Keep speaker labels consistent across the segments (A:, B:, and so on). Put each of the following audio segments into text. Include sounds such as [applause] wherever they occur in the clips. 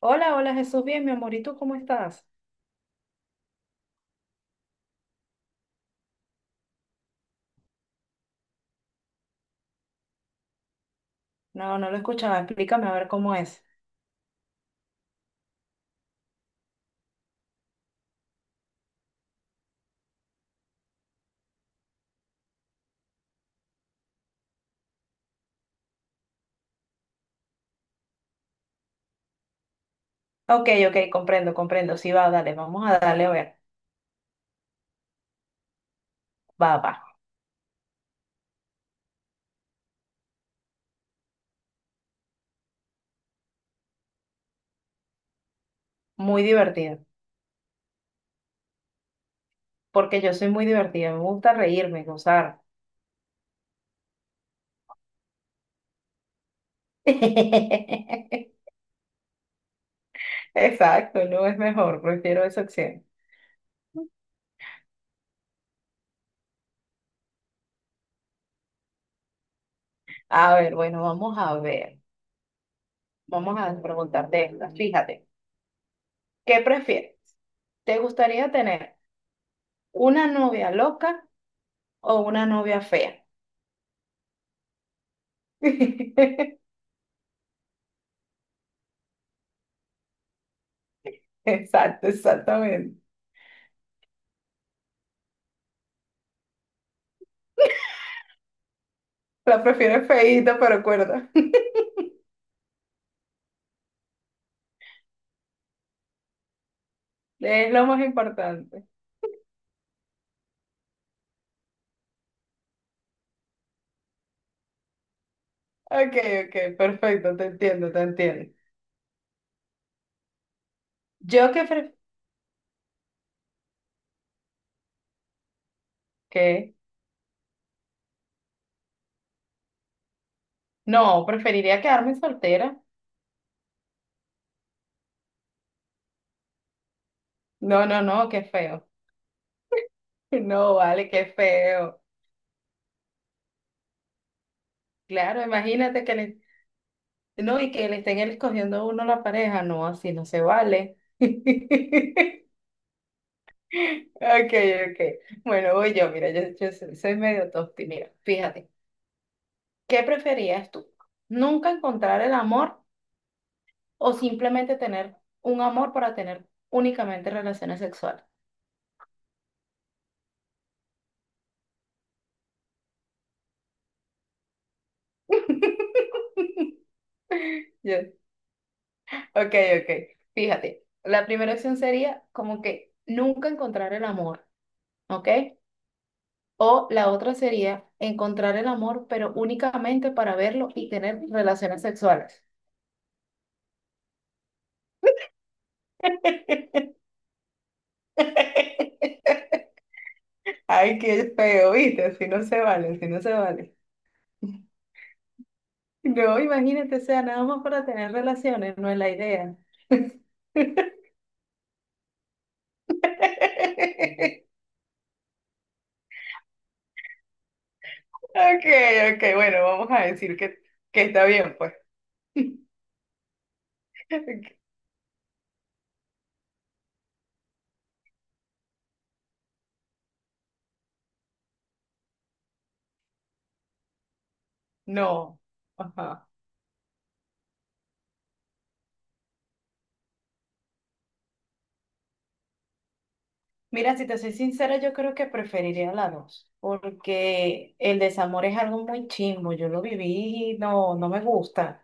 A: Hola, hola Jesús, bien, mi amor, ¿y tú cómo estás? No, no lo escuchaba, explícame a ver cómo es. Ok, ok, comprendo, comprendo, sí va, dale, vamos a darle a ver. Va, va, muy divertido, porque yo soy muy divertida, me gusta reírme, gozar. [laughs] Exacto, no es mejor, prefiero esa opción. A ver, bueno, vamos a ver, vamos a preguntarte esta, fíjate, ¿qué prefieres? ¿Te gustaría tener una novia loca o una novia fea? [laughs] Exacto, exactamente. La prefiero feíta, pero cuerda. [laughs] Es lo más importante. Ok, ok, perfecto, te entiendo, te entiendo. Yo que pref- ¿Qué? No, preferiría quedarme soltera. No, no, no, qué feo. [laughs] No, vale, qué feo. Claro, imagínate que le, no, y que le estén escogiendo a uno la pareja. No, así no se vale. [laughs] Ok, ok. Bueno, voy yo, mira, yo soy medio tosti. Mira, fíjate, ¿qué preferías tú? ¿Nunca encontrar el amor? O simplemente tener un amor para tener únicamente relaciones sexuales. Yo, ok, ok. Fíjate, la primera opción sería como que nunca encontrar el amor, ¿ok? O la otra sería encontrar el amor, pero únicamente para verlo y tener relaciones sexuales. [laughs] Ay, qué feo, ¿viste? Si no se vale, si no se vale. No, imagínate, o sea, nada más para tener relaciones, no es la idea. [laughs] Ok, ok, bueno, vamos a decir que está bien, pues. [laughs] No, ajá. Mira, si te soy sincera, yo creo que preferiría la 2, porque el desamor es algo muy chimbo, yo lo viví y no, no me gusta,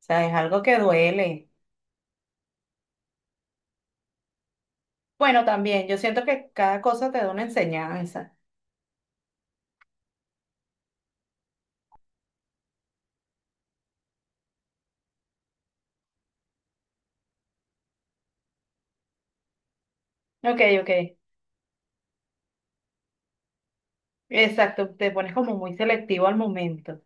A: o sea, es algo que duele. Bueno, también, yo siento que cada cosa te da una enseñanza. Ok, ok, exacto, te pones como muy selectivo al momento.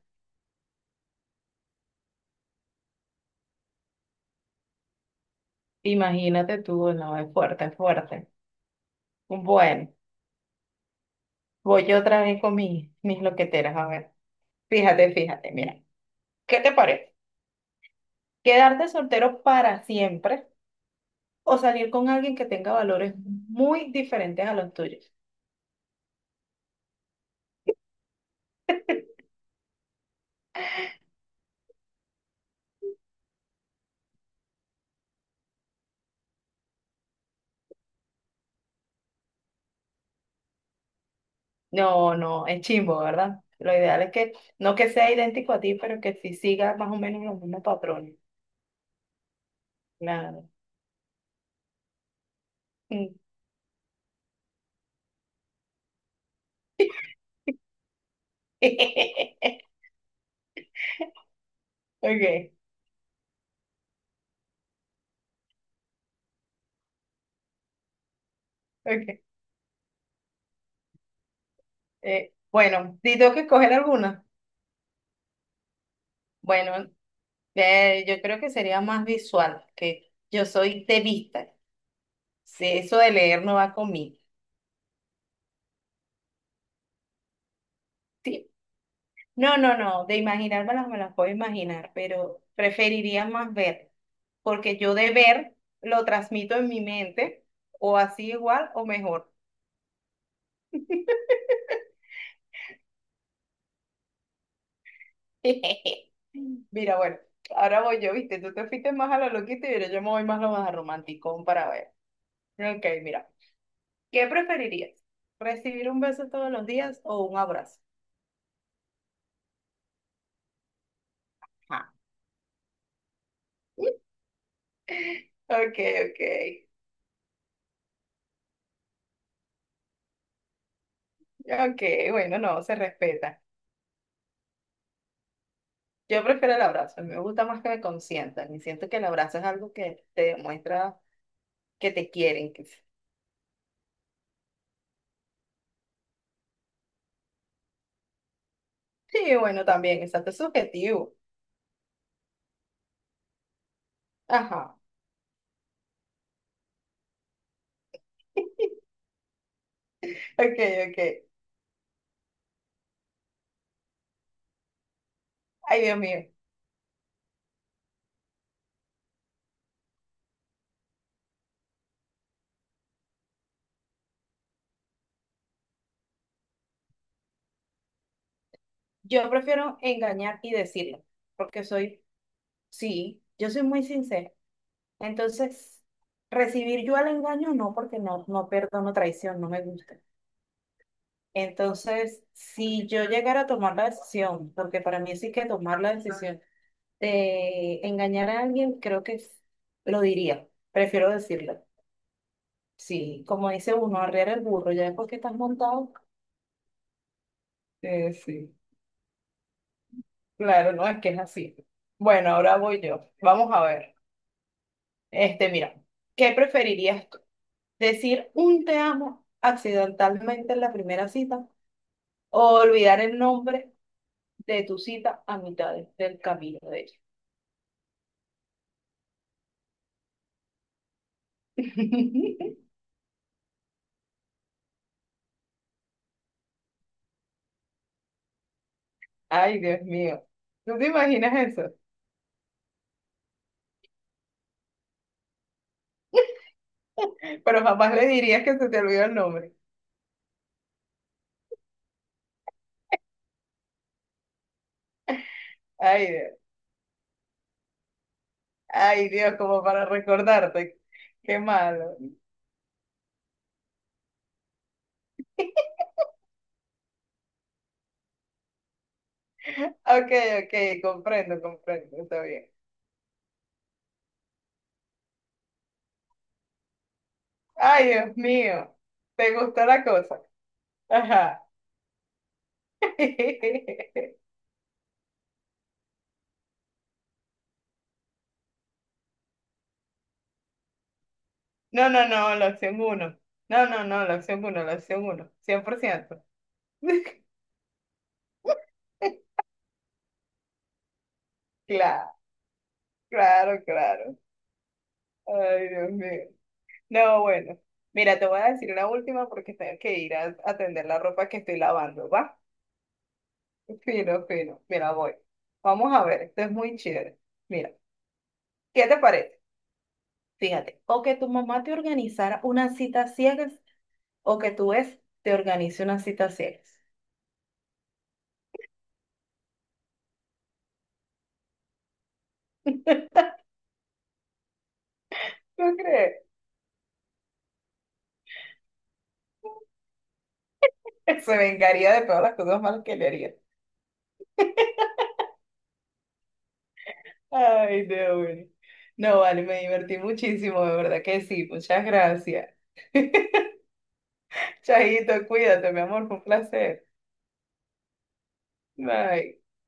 A: Imagínate tú, no, es fuerte, es fuerte. Bueno, voy yo otra vez con mis loqueteras, a ver. Fíjate, fíjate, mira, ¿qué te parece? ¿Quedarte soltero para siempre o salir con alguien que tenga valores muy diferentes a los tuyos? No, no, es chimbo, ¿verdad? Lo ideal es que no que sea idéntico a ti, pero que sí siga más o menos los mismos patrones. Claro. Mm. [laughs] Ok, ok. Bueno, si tengo que escoger alguna. Bueno, yo creo que sería más visual, que yo soy de vista. Sí, eso de leer no va conmigo. Sí, no, no, no, de imaginármelas me las puedo imaginar, pero preferiría más ver, porque yo de ver lo transmito en mi mente, o así igual o mejor. [laughs] Mira, bueno, ahora voy yo, viste, tú te fuiste más a lo loquito y ahora yo me voy más a lo más romanticón para ver. Ok, mira, ¿qué preferirías? ¿Recibir un beso todos los días o un abrazo? Ah, ok, ok, ok, bueno, no, se respeta. Yo prefiero el abrazo, me gusta más que me consientan y siento que el abrazo es algo que te demuestra que te quieren. Sí, bueno, también, exacto, es subjetivo. Ajá, [laughs] ok, ok. Ay, Dios mío, yo prefiero engañar y decirlo, porque soy, sí, yo soy muy sincera. Entonces, recibir yo el engaño no, porque no perdono traición, no me gusta. Entonces, si yo llegara a tomar la decisión, porque para mí sí que tomar la decisión de engañar a alguien, creo que es- lo diría. Prefiero decirlo. Sí, como dice uno, arrear el burro, ya después que estás montado. Sí, claro, no es que es así. Bueno, ahora voy yo. Vamos a ver. Mira, ¿qué preferirías tú? ¿Decir un te amo accidentalmente en la primera cita o olvidar el nombre de tu cita a mitad del camino de ella? [laughs] Ay, Dios mío. ¿Tú te imaginas eso? Pero jamás le dirías que se te olvidó el nombre. Ay, Dios. Ay, Dios, como para recordarte. Qué malo. [laughs] Ok, ok, comprendo, comprendo, está bien. Ay, Dios mío, ¿te gustó la cosa? Ajá. [laughs] No, no, no, la opción 1. No, no, no, la opción uno, la opción 1, 100%. [laughs] Claro, claro, claro. Ay, Dios mío. No, bueno. Mira, te voy a decir una última porque tengo que ir a atender la ropa que estoy lavando, ¿va? Fino, fino. Mira, voy. Vamos a ver, esto es muy chévere. Mira, ¿qué te parece? Fíjate, o que tu mamá te organizara una cita a ciegas o que tu ex te organice una cita a ciegas. ¿No crees? [laughs] Se vengaría de todas las cosas malas que le haría. Ay, Dios mío. No, vale, me divertí muchísimo, de verdad que sí. Muchas gracias. [laughs] Chaito, cuídate, mi amor, fue un placer. Bye.